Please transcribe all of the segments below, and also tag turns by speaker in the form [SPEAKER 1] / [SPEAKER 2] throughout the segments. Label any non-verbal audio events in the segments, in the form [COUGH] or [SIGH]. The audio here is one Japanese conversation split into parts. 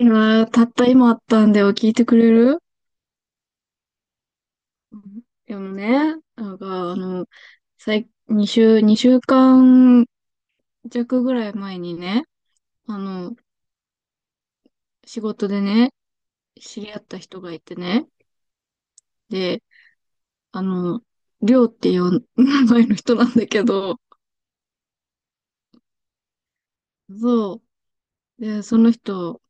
[SPEAKER 1] 今たった今あったんだよ。聞いてくれる？うん。でもね、なんか、最、2週、二週間弱ぐらい前にね、あの、仕事でね、知り合った人がいてね、で、あの、りょうっていう名前の人なんだけど、そう。で、その人、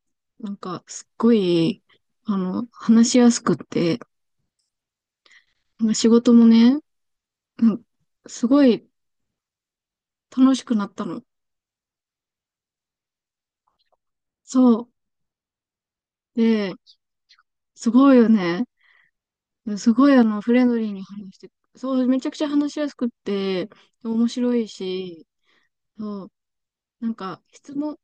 [SPEAKER 1] なんか、すっごい、話しやすくって、まあ仕事もね、うん、すごい楽しくなったの。そう。で、すごいよね。すごいフレンドリーに話して、そう、めちゃくちゃ話しやすくって、面白いし、そう、なんか質問、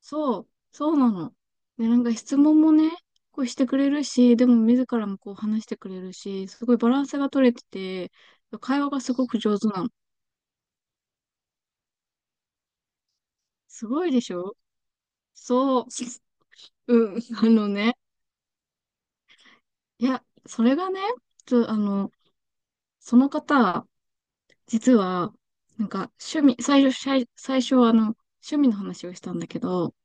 [SPEAKER 1] そう、そうなの。で、なんか質問もね、こうしてくれるし、でも自らもこう話してくれるし、すごいバランスが取れてて、会話がすごく上手なの。すごいでしょ？そう、うん、あのね、いや、それがね、ちょ、あの、その方、実は、なんか趣味、最初、最最初はあの、趣味の話をしたんだけど、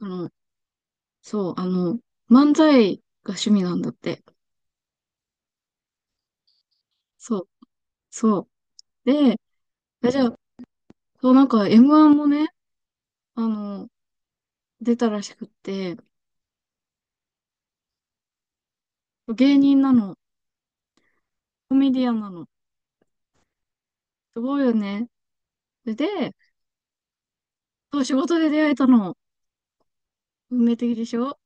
[SPEAKER 1] あの、そう、あの、漫才が趣味なんだって。そう、そう。で、あじゃあ、そう、なんか M1 もね、あの、出たらしくって、芸人なの、コメディアンなの。すごいよね。で、そう、仕事で出会えたの。運命的でしょ？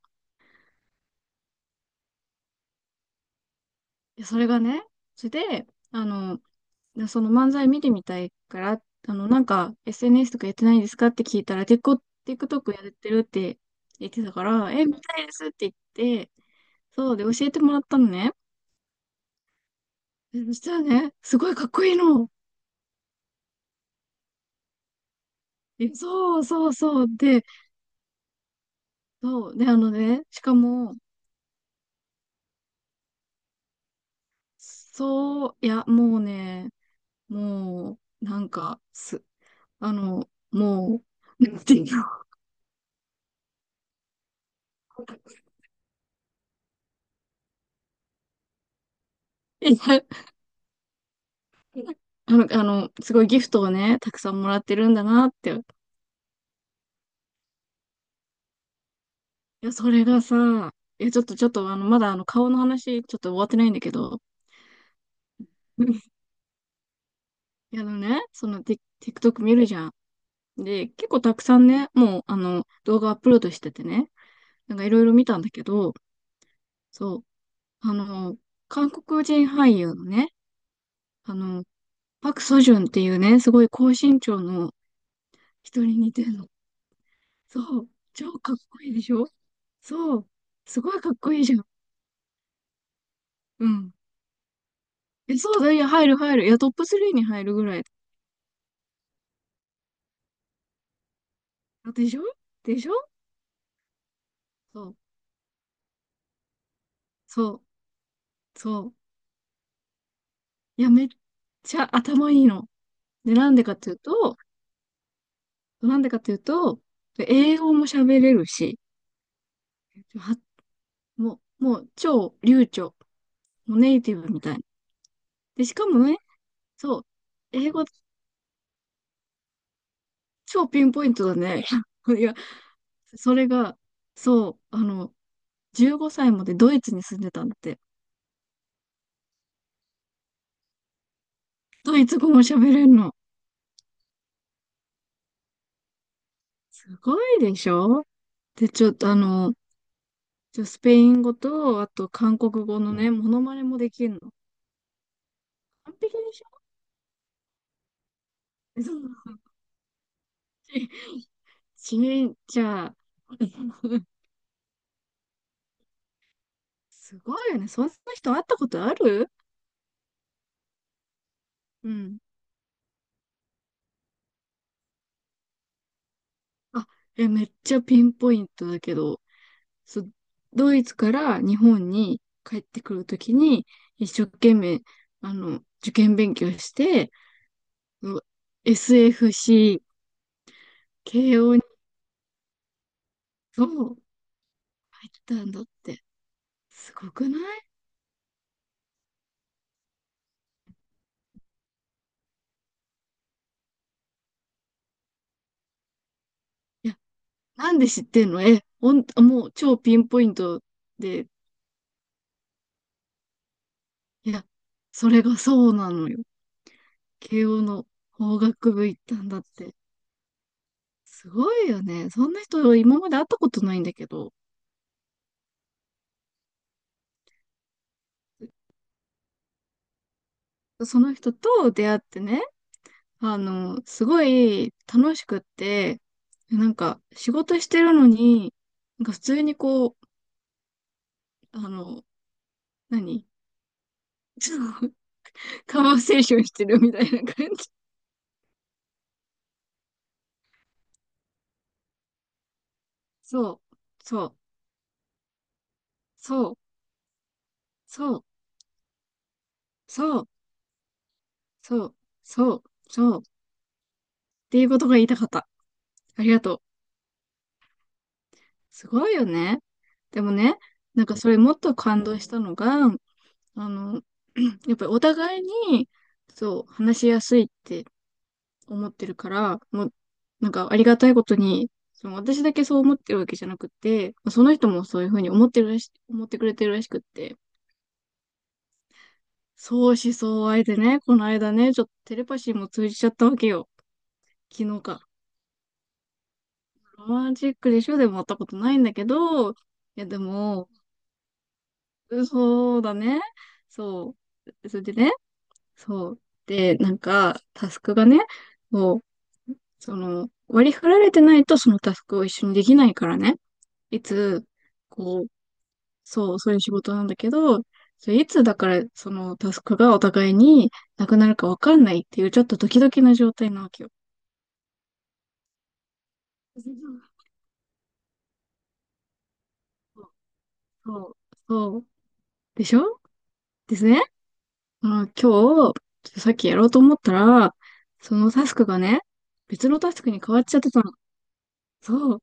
[SPEAKER 1] いやそれがね、それで、あの、でその漫才見てみたいから、なんか SNS とかやってないですかって聞いたら、結構 TikTok やってるって言ってたから、え、見たいですって言って、そうで教えてもらったのね。でそしたらね、すごいかっこいいの。えそうそうそう。で、そう。で、あのね、しかも、そう、いや、もうね、もう、なんか、す、あの、もう、なんていうの。[LAUGHS] いや、すごいギフトをね、たくさんもらってるんだなって。いや、それがさ、いや、ちょっと、ちょっと、あの、まだ、あの、顔の話、ちょっと終わってないんだけど、[LAUGHS] うん、いや、あのね、TikTok 見るじゃん。で、結構たくさんね、もう、動画アップロードしててね、なんかいろいろ見たんだけど、そう、あの、韓国人俳優のね、あの、パク・ソジュンっていうね、すごい高身長の人に似てるの。そう、超かっこいいでしょ？そう、すごいかっこいいじゃん。うん。え、そうだ、いや、入る入る。いや、トップ3に入るぐらい。でしょ？でしょ？そう、そう、そう。いや、めっちゃ頭いいの。で、なんでかっていうと、なんでかっていうと、英語も喋れるし、は、もう、もう超流暢。もうネイティブみたいな。で、しかもね、そう、英語超ピンポイントだね。[LAUGHS] いや、それが、そう、15歳までドイツに住んでたんだって。ドイツ語も喋れるの。すごいでしょ？で、ちょっとあの、ちょスペイン語と、あと韓国語のね、モノマネもできるの。完璧でしょ？そんなちじゃあ、[LAUGHS] すごいよね。そんな人会ったことある？うん。あ、え、めっちゃピンポイントだけど、そ、ドイツから日本に帰ってくるときに、一生懸命、受験勉強して、う SFC、慶応にそう入ったんだって。すごくない？いや、なんで知ってんの？え、ほん、あもう超ピンポイントで。いや、それがそうなのよ。慶応の法学部行ったんだって。すごいよね。そんな人今まで会ったことないんだけど、その人と出会ってね、すごい楽しくって、なんか仕事してるのに、なんか普通にこう、あの、何その [LAUGHS] カババセーションしてるみたいな感じ。そう、そう、そう、そう、そう、そう、そう、そうっていうことが言いたかった。ありがとう。すごいよね。でもね、なんかそれもっと感動したのが、あの、[CLEARS THROAT] やっぱりお互いに、そう、話しやすいって思ってるから、もう、なんかありがたいことに、その私だけそう思ってるわけじゃなくて、その人もそういうふうに思ってるらし、思ってくれてるらしくって、相思相愛でね、この間ね、ちょっとテレパシーも通じちゃったわけよ。昨日か。ロマンチックでしょ？でも会ったことないんだけど、いやでも、そうだね。そう。それでね、そう。で、なんか、タスクがね、もう、その、割り振られてないとそのタスクを一緒にできないからね。いつ、こう、そう、そういう仕事なんだけど、それいつだから、そのタスクがお互いになくなるかわかんないっていう、ちょっとドキドキな状態なわけよ。そう、そう、そうでしょ？ですね。まあ、今日、ちょっとさっきやろうと思ったら、そのタスクがね、別のタスクに変わっちゃってたの。そ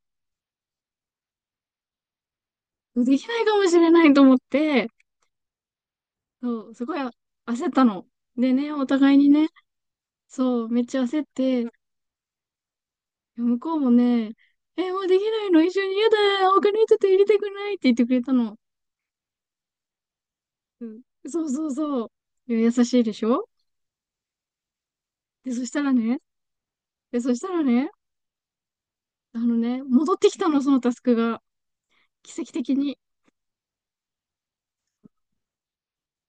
[SPEAKER 1] う。できないかもしれないと思って、そう、すごい焦ったの。でね、お互いにね、そう、めっちゃ焦って、向こうもね、え、もうできないの一緒に嫌だ、他の人と入れてくれないって言ってくれたの。うん、そう、そう、そう。いや優しいでしょ？で、そしたらね、で、そしたらね、あのね、戻ってきたの、そのタスクが。奇跡的に。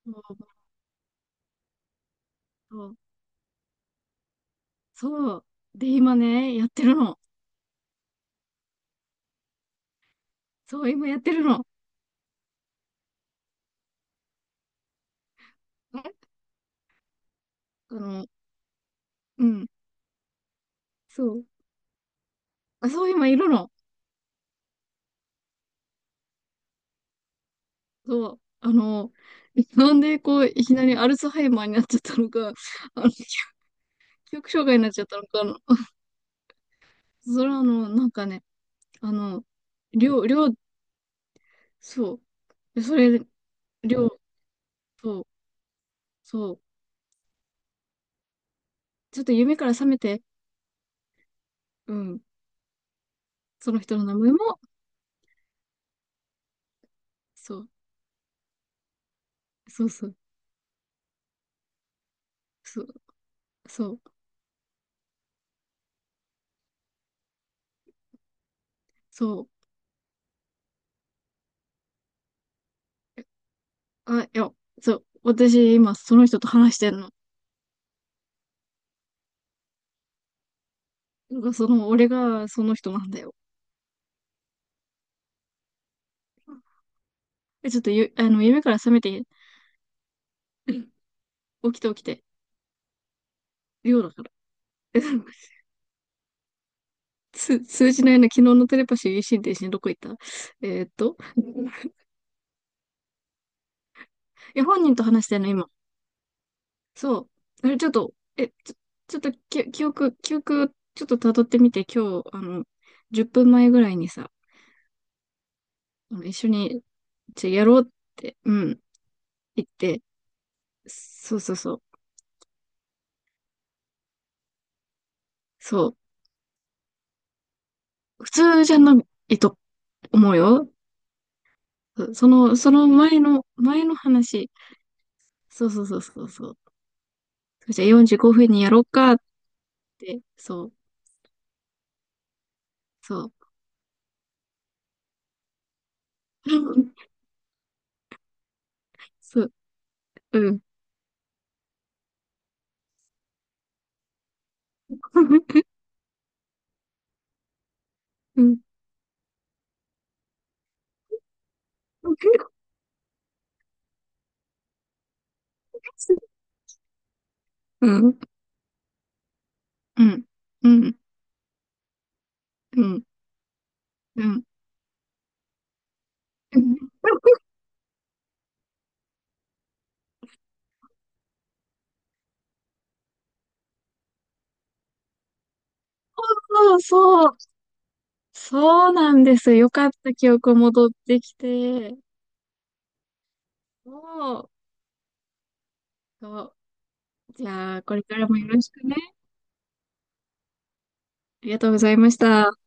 [SPEAKER 1] もうそう。で、今ね、やってるの。そう、今やってるの。え、あの、うん。そう。あ、そう、今いるの。そう。[LAUGHS] なんでこう、いきなりアルツハイマーになっちゃったのか、あの、記憶障害になっちゃったのか、あのそれはあの、なんかね、あの、りょう、そう。それ、りょう、そう、そう。ちょっと夢から覚めて、うん。その人の名前も、そう、そう、そう、そう、そう、そう。あ、いや、そう、私今その人と話してんの。なんかその、俺がその人なんだよ。え、ちょっとゆ、あの、夢から覚めて、起きて起きて、量だから。え、なんかつ、通なな、昨日のテレパシー心停止にどこ行った？えーっと、[LAUGHS] いや、本人と話してんの、今。そう。あれ、ちょっと、え、ちょ、ちょっとき、記憶、記憶、ちょっと辿ってみて、今日、10分前ぐらいにさ、一緒に、やろうって、うん、言って、そう、そう、そう、そう。普通じゃないと思うよ。前の話。そう、そう、そう、そう、そう。じゃあ45分にやろうかって。そう、そう。[LAUGHS] そう、うん。[LAUGHS] うん。うん。うん。うん。うん。うん。うん、そう、そう。そうなんですよ。よかった記憶戻ってきて。そう。そう。じゃあ、これからもよろしくね。ありがとうございました。